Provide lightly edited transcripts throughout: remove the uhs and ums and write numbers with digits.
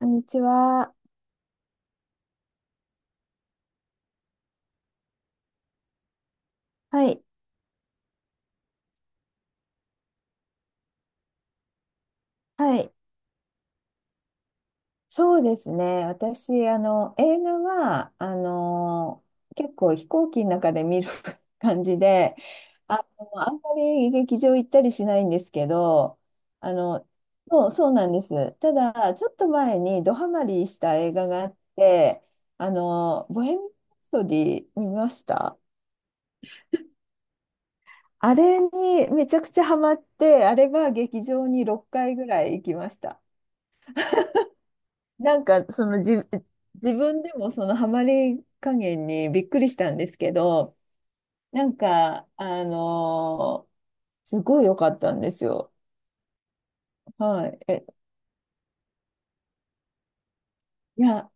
こんにちは。はい。はい。そうですね。私、映画は、結構飛行機の中で見る 感じで、あんまり劇場行ったりしないんですけど、あの、そうなんです。ただ、ちょっと前にドハマりした映画があって、ボヘミアン・ラプソディ見ました。あれにめちゃくちゃハマって、あれは劇場に6回ぐらい行きました。なんか自分でもそのハマり加減にびっくりしたんですけど、なんか、すごい良かったんですよ。はい。いや、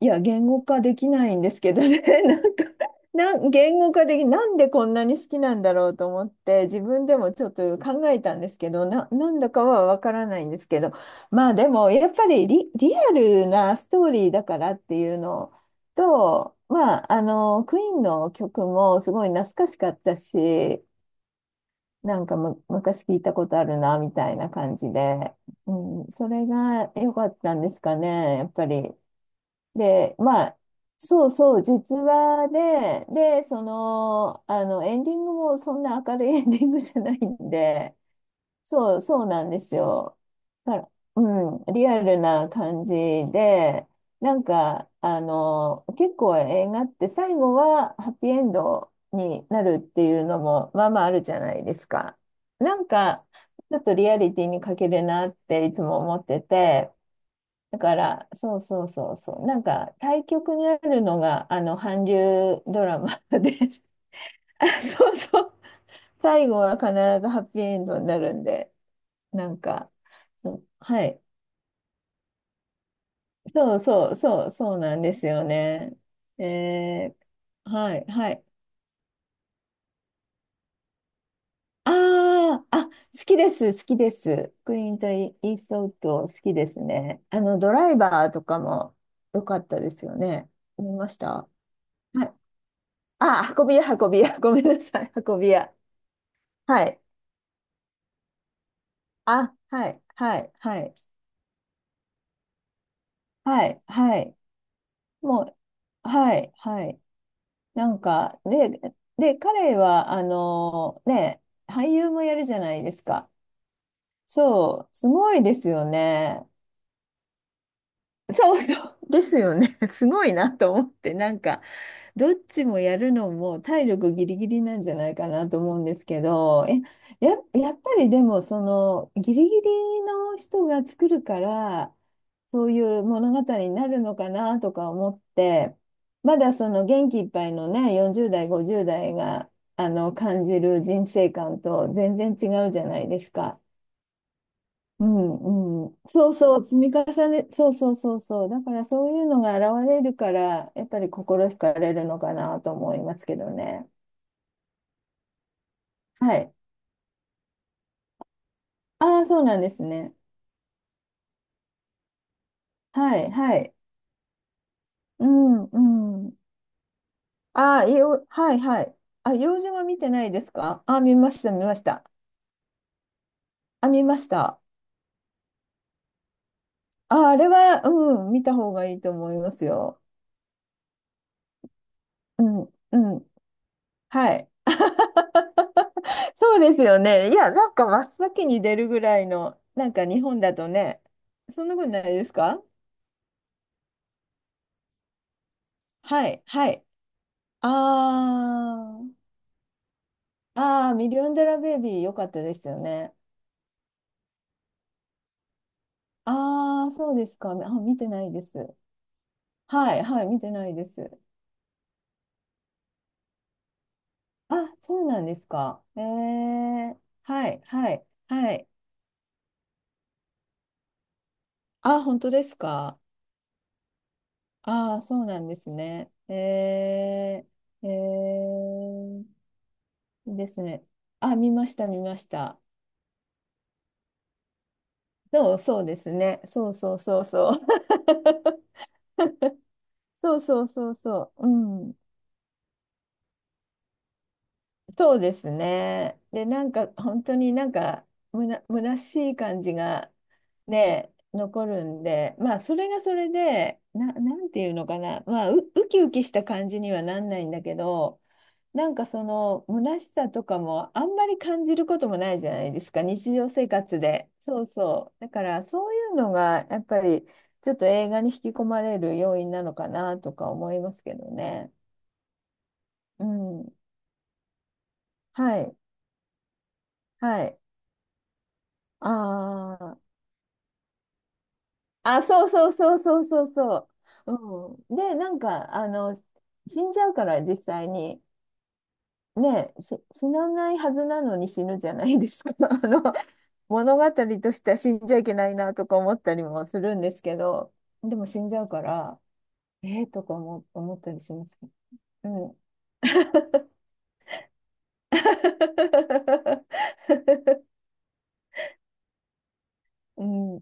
いや、言語化できないんですけどね、なんか、なんでこんなに好きなんだろうと思って、自分でもちょっと考えたんですけど、なんだかはわからないんですけど、まあでも、やっぱりリアルなストーリーだからっていうのと、まあ、クイーンの曲もすごい懐かしかったし、なんか、昔聞いたことあるな、みたいな感じで、うん、それが良かったんですかね、やっぱり。で、まあ、そうそう、実話で、エンディングもそんな明るい エンディングじゃないんで、そうなんですよ。だから、うん、リアルな感じで、なんか、結構映画って最後はハッピーエンドになるっていうのも、まあまああるじゃないですか。なんか、ちょっとリアリティに欠けるなっていつも思ってて、だから、そうそうそうそう。なんか、対極にあるのが、韓流ドラマです。あ、そうそう。最後は必ずハッピーエンドになるんで、なんか、そう、はい。そうそうそう、そうなんですよね。えはい、はい。ああ、好きです、好きです。クリント・イーストウッド、好きですね。ドライバーとかも良かったですよね。見ました。はい。運び屋、運び屋。ごめんなさい。運び屋。はい。はい、はい、はい、はい、はい。もう、はい、はい。なんか、で、彼は、ね、俳優もやるじゃないですか。そう、すごいですよね。そうそう。ですよね。すごいなと思って、なんか、どっちもやるのも体力ギリギリなんじゃないかなと思うんですけど、やっぱりでも、その、ギリギリの人が作るから、そういう物語になるのかなとか思って、まだその元気いっぱいのね、40代、50代が、感じる人生観と全然違うじゃないですか。うんうん、そうそう、積み重ね、そうそうそうそう、だからそういうのが現れるから、やっぱり心惹かれるのかなと思いますけどね。はい。ああ、そうなんですね。はい、はい。うん、うん。ああ、はい、はい。用事は見てないですか？あ、見ました、見ました。あ、見ました。あ、あれは、うん、見た方がいいと思いますよ。うん、うん。はい。そうですよね。いや、なんか真っ先に出るぐらいの、なんか日本だとね、そんなことないですか？はい、はい。あー、あー、ミリオンデラベイビー良かったですよね。あー、そうですか。あ、見てないです。はい、はい、見てないです。あ、そうなんですか。はい、はい、はい。あ、本当ですか。あー、そうなんですね。えー、えー。ですね。あ、見ました、見ました。そうですね。そうそうそうそう。そうそうそうそう。うん。そうですね。で、なんか、本当になんか、虚しい感じが、ね、残るんで、まあ、それがそれで、なんていうのかな。まあ、ウキウキした感じにはなんないんだけど、なんかその虚しさとかもあんまり感じることもないじゃないですか、日常生活で。そうそう。だからそういうのがやっぱりちょっと映画に引き込まれる要因なのかなとか思いますけどね。うん。はい。はい。あーあ、そうそうそうそうそうそう。うん。で、なんか死んじゃうから実際に。ねえ、死なないはずなのに死ぬじゃないですか。物語としては死んじゃいけないなとか思ったりもするんですけど、でも死んじゃうから、ええとか思ったりしますけど。うん。うん、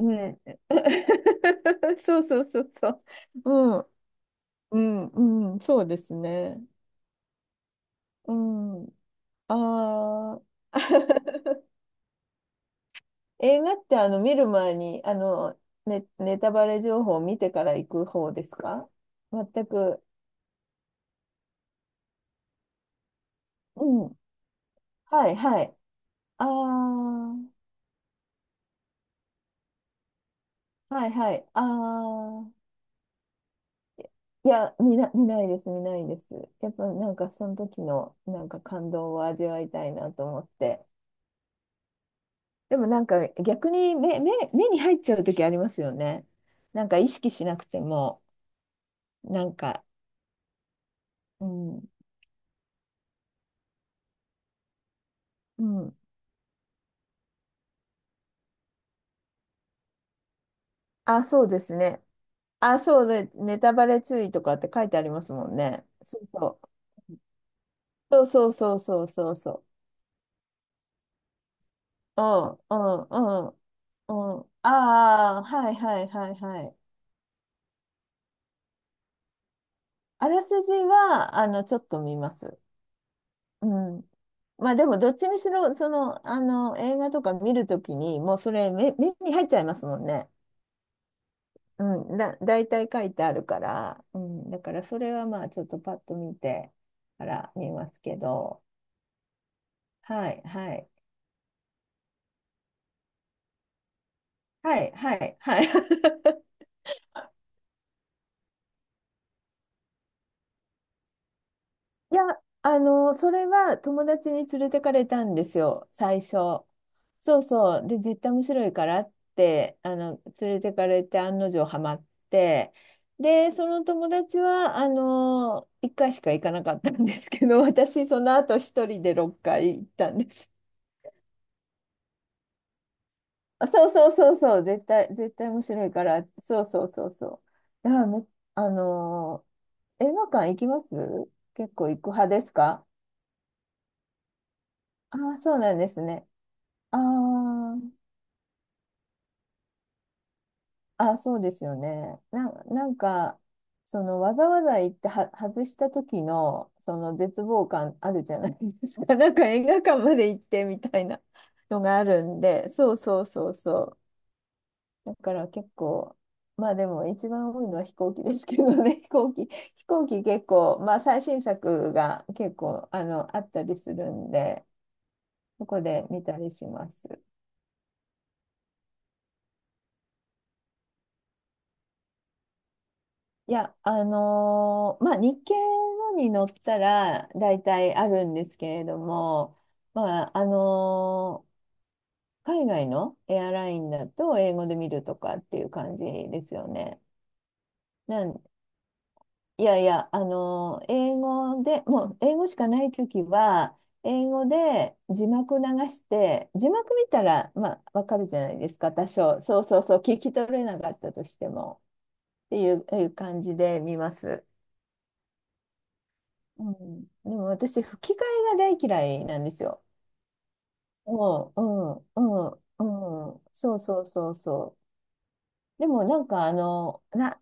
ねえ そうそうそうそう。うん、うん、うん、そうですね。うん。ああ。映画って見る前にネタバレ情報を見てから行く方ですか？全く。うん。はいはい。ああ、はいはい。ああ。いや、見ないです、見ないです。やっぱなんかその時のなんか感動を味わいたいなと思って。でもなんか逆に目に入っちゃう時ありますよね。なんか意識しなくても、なんか、うん、うん。あ、そうですね。あ、そうね、ネタバレ注意とかって書いてありますもんね。そうそう。そうそうそうそうそうそう。うんうんうんうん。ああ、はいはいはいはい。あらすじは、ちょっと見ます。うん。まあでも、どっちにしろ、その、映画とか見るときに、もうそれ目に入っちゃいますもんね。うん。大体書いてあるから、うん。だから、それはまあ、ちょっとパッと見てから見ますけど、はいはい。はい、はい、はい。いや、それは友達に連れてかれたんですよ、最初。そうそう。で、絶対面白いからって、連れてかれて案の定ハマって、で、その友達は、1回しか行かなかったんですけど、私、その後一人で6回行ったんです。あそうそうそうそう、絶対、絶対面白いから、そうそうそうそう。だからめ、あの、映画館行きます？結構行く派ですか？ああ、そうなんですね。ああ、あ、そうですよね。なんか、そのわざわざ行っては外した時のその絶望感あるじゃないですか。なんか映画館まで行ってみたいなのがあるんで、そうそうそうそう。だから結構、まあでも一番多いのは飛行機ですけどね、飛行機結構、まあ最新作が結構あったりするんで、そこで見たりします。いや、まあ、日系のに乗ったら大体あるんですけれども、まあ、海外のエアラインだと英語で見るとかっていう感じですよね。なん、いやいや、英語で、もう英語しかないときは、英語で字幕流して、字幕見たら、まあ、わかるじゃないですか、多少。そうそうそう、聞き取れなかったとしてもっていう、いう感じで見ます。うん、でも私、吹き替えが大嫌いなんですよ。もう、うん、うん、うん。そうそうそうそう。でもなんかな、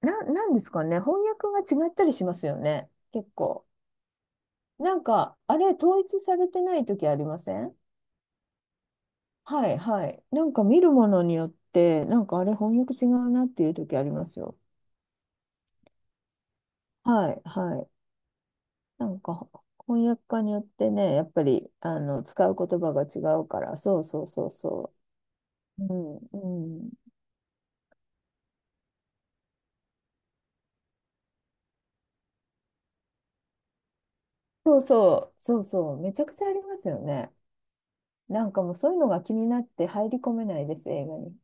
な、なんですかね、翻訳が違ったりしますよね、結構。なんか、あれ、統一されてない時ありません？はいはい。なんか見るものによって、なんかあれ、翻訳違うなっていう時ありますよ。はいはい。なんか、翻訳家によってね、やっぱり、使う言葉が違うから、そうそうそうそう。うん、うん。そうそう、そうそう、めちゃくちゃありますよね。なんかもうそういうのが気になって入り込めないです、映画に。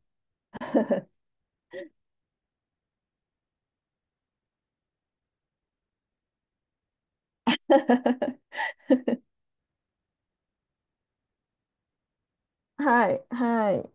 はい、はい。